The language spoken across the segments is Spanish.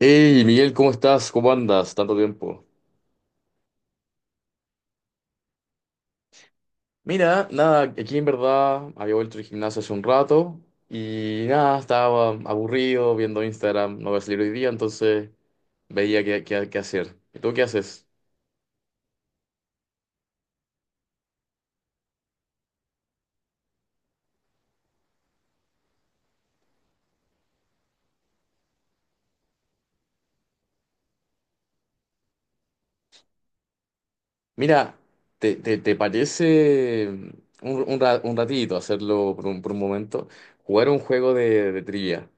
Hey, Miguel, ¿cómo estás? ¿Cómo andas? Tanto tiempo. Mira, nada, aquí en verdad había vuelto del gimnasio hace un rato y nada, estaba aburrido viendo Instagram, no voy a salir hoy día, entonces veía qué hacer. ¿Y tú qué haces? Mira, ¿te parece un ratito hacerlo por un momento? Jugar un juego de trivia.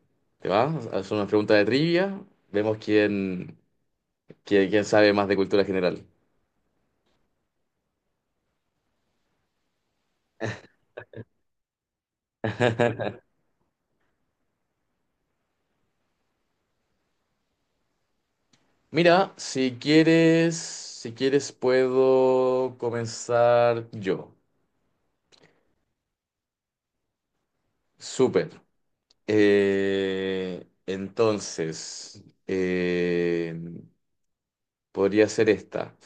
¿Te va? Hacer una pregunta de trivia, vemos quién sabe más de cultura general. Mira, si quieres puedo comenzar yo. Súper. Entonces, podría ser esta.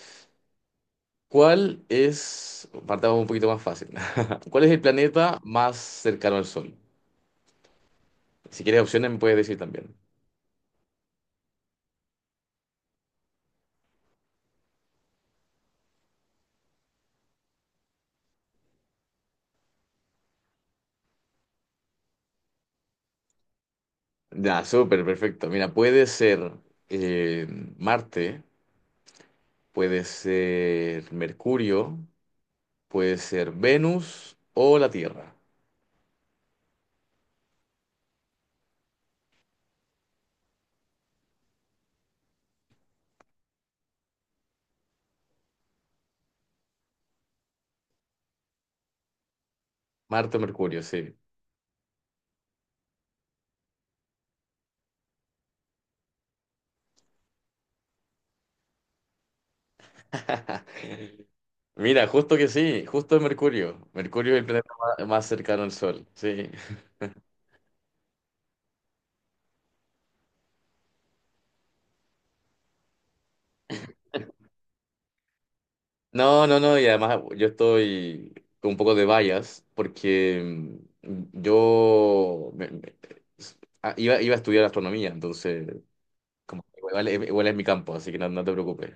¿Cuál es, partamos un poquito más fácil. ¿Cuál es el planeta más cercano al Sol? Si quieres opciones me puedes decir también. Ya, súper, perfecto. Mira, puede ser eh, Marte, puede ser Mercurio, puede ser Venus o la Tierra. Marte o Mercurio, sí. Mira, justo que sí, justo es Mercurio. Mercurio es el planeta más cercano al Sol, sí. No, no, no, y además yo estoy con un poco de bias porque mm, yo me- me- s- ah, iba a estudiar astronomía, entonces como que igual es mi campo, así que no, no te preocupes.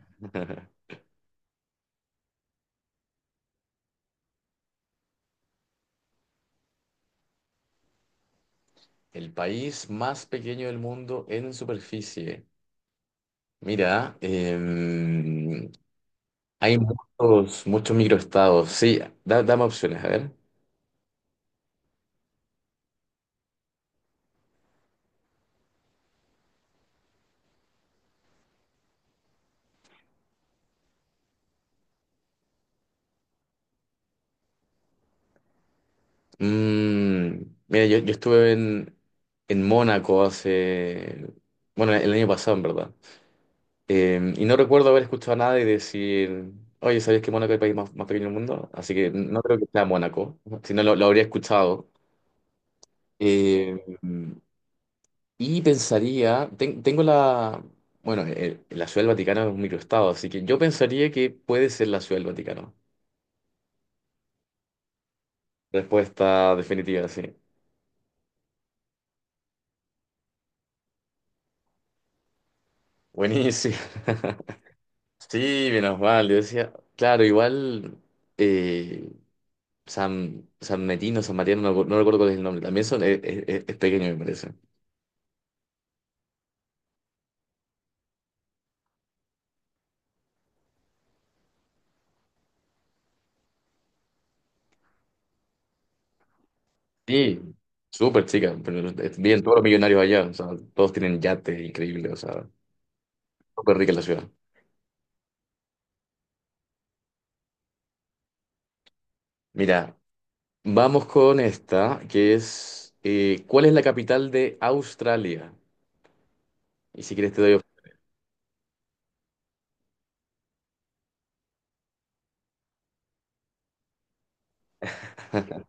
El país más pequeño del mundo en superficie. Mira, hay muchos microestados. Sí, dame opciones, a ver. Mm, mira, yo estuve en Mónaco hace, bueno, el año pasado, en verdad. Y no recuerdo haber escuchado a nadie decir, oye, ¿sabías que Mónaco es el país más pequeño del mundo? Así que no creo que sea Mónaco, si no lo habría escuchado. Eh, y pensaría, tengo la, bueno, la Ciudad del Vaticano es un microestado, así que yo pensaría que puede ser la Ciudad del Vaticano. Respuesta definitiva, sí. Buenísimo. Sí, menos mal. Yo decía, claro, igual eh, San, San Metino, San Mariano, no, no recuerdo cuál es el nombre. También son, es pequeño, me parece. Sí, súper chica, pero no, es bien, todos los millonarios allá, o sea, todos tienen yates increíbles, o sea, súper rica la ciudad. Mira, vamos con esta, que es, ¿cuál es la capital de Australia? Y si quieres te doy... op-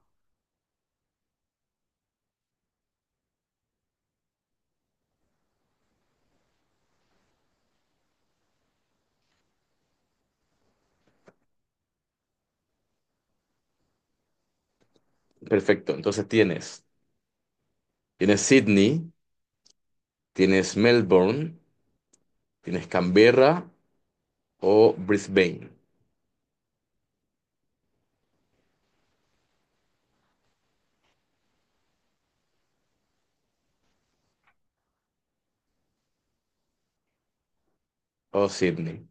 Perfecto, entonces tienes Sydney, tienes Melbourne, tienes Canberra o Brisbane o Sydney.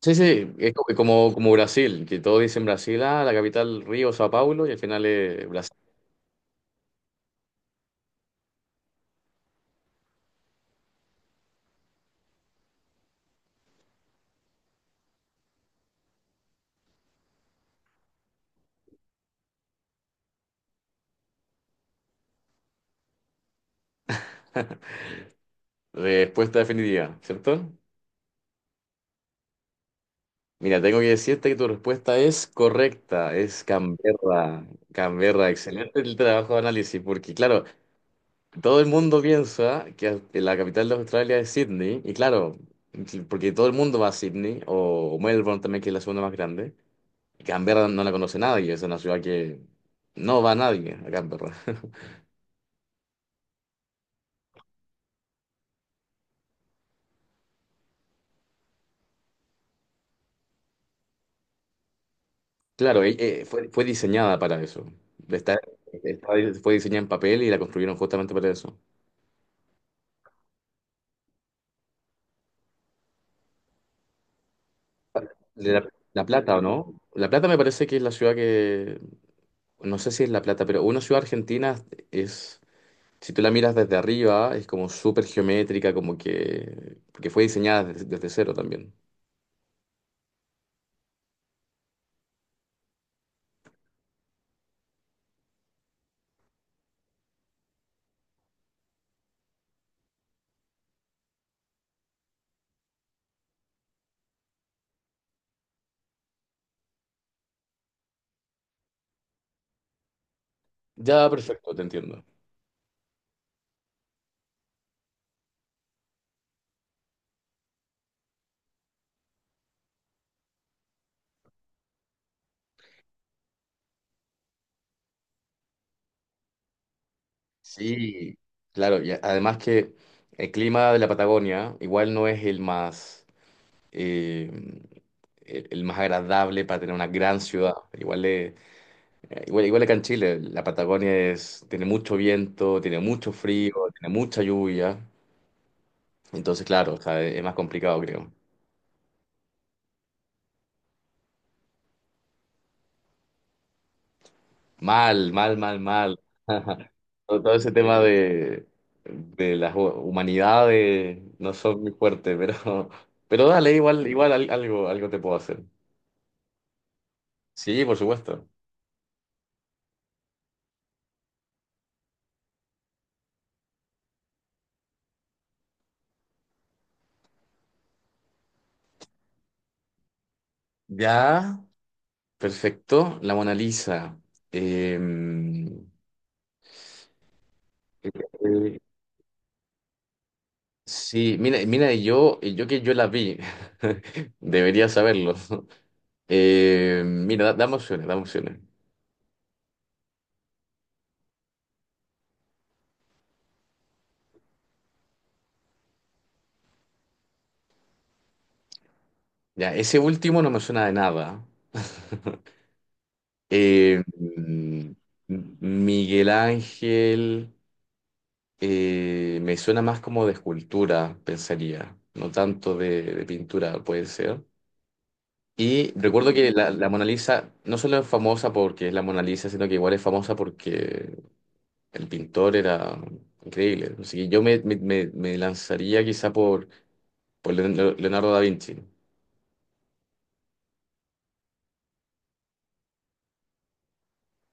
Sí, sí, es como, como Brasil, que todos dicen Brasil, ah, la capital Río, Sao Paulo, y al final es Brasil. Respuesta definitiva, ¿cierto? Mira, tengo que decirte que tu respuesta es correcta, es Canberra. Canberra, excelente el trabajo de análisis, porque claro, todo el mundo piensa que la capital de Australia es Sydney, y claro, porque todo el mundo va a Sydney, o Melbourne también, que es la segunda más grande. Canberra no la conoce nadie, es una ciudad que no va nadie a Canberra. Claro, fue diseñada para eso. Está- Fue diseñada en papel y la construyeron justamente para eso. De La Plata, ¿o no? La Plata me parece que es la ciudad que, no sé si es La Plata, pero una ciudad argentina es, si tú la miras desde arriba, es como súper geométrica, como que, porque fue diseñada desde cero también. Ya, perfecto, te entiendo. Sí, claro, y además que el clima de la Patagonia igual no es el más, eh, el más agradable para tener una gran ciudad. Igual que en Chile, la Patagonia es, tiene mucho viento, tiene mucho frío, tiene mucha lluvia. Entonces, claro, o sea, es más complicado, creo. Mal, mal, mal, mal. Todo ese tema de las humanidades no son muy fuertes, pero, pero dale, igual algo te puedo hacer. Sí, por supuesto. Ya, perfecto. La Mona Lisa. Em, eh, eh, sí, mira, yo que yo la vi, debería saberlo. Dame opciones, dame opciones. Ya, ese último no me suena de nada. Eh, mm, Miguel Ángel me suena más como de escultura, pensaría, no tanto de pintura, puede ser. Y recuerdo que la Mona Lisa no solo es famosa porque es la Mona Lisa, sino que igual es famosa porque el pintor era increíble. Así que yo me lanzaría quizá por Leonardo da Vinci.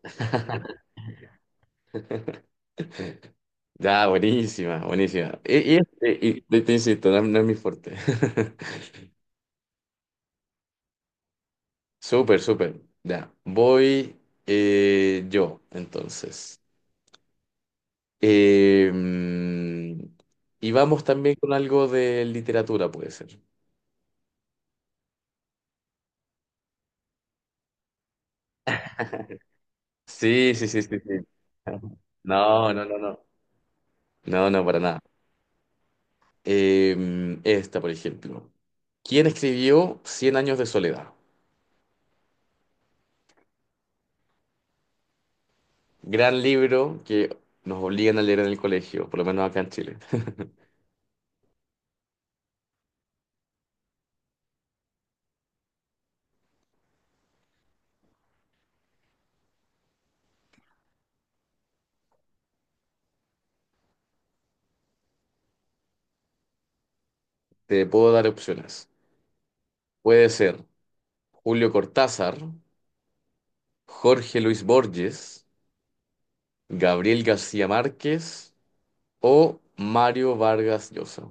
Ya, buenísima, buenísima. Te insisto, no, no es mi fuerte. Súper, súper. Ya, voy yo, entonces. Eh, mm, y vamos también con algo de literatura, puede ser. Sí, sí, sí, sí, sí. No, no, no, no. No, no, para nada. Esta, por ejemplo. ¿Quién escribió Cien años de soledad? Gran libro que nos obligan a leer en el colegio, por lo menos acá en Chile. Te puedo dar opciones. Puede ser Julio Cortázar, Jorge Luis Borges, Gabriel García Márquez o Mario Vargas Llosa.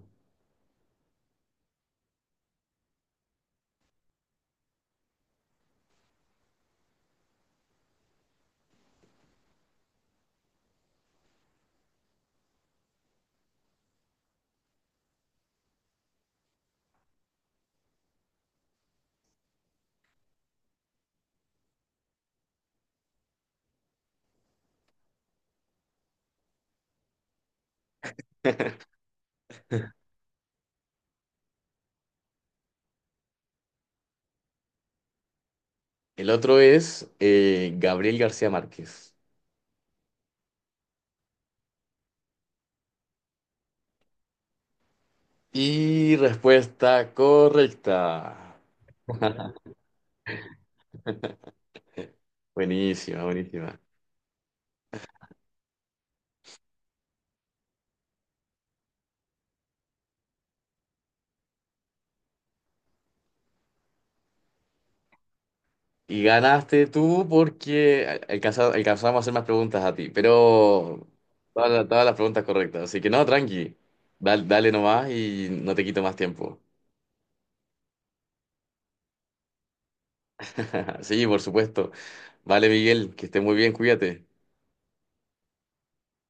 El otro es Gabriel García Márquez. Y respuesta correcta. Buenísima, buenísima. Y ganaste tú porque alcanzamos a hacer más preguntas a ti, pero todas las preguntas correctas. Así que no, tranqui. Dale, nomás y no te quito más tiempo. Sí, por supuesto. Vale, Miguel, que estés muy bien, cuídate.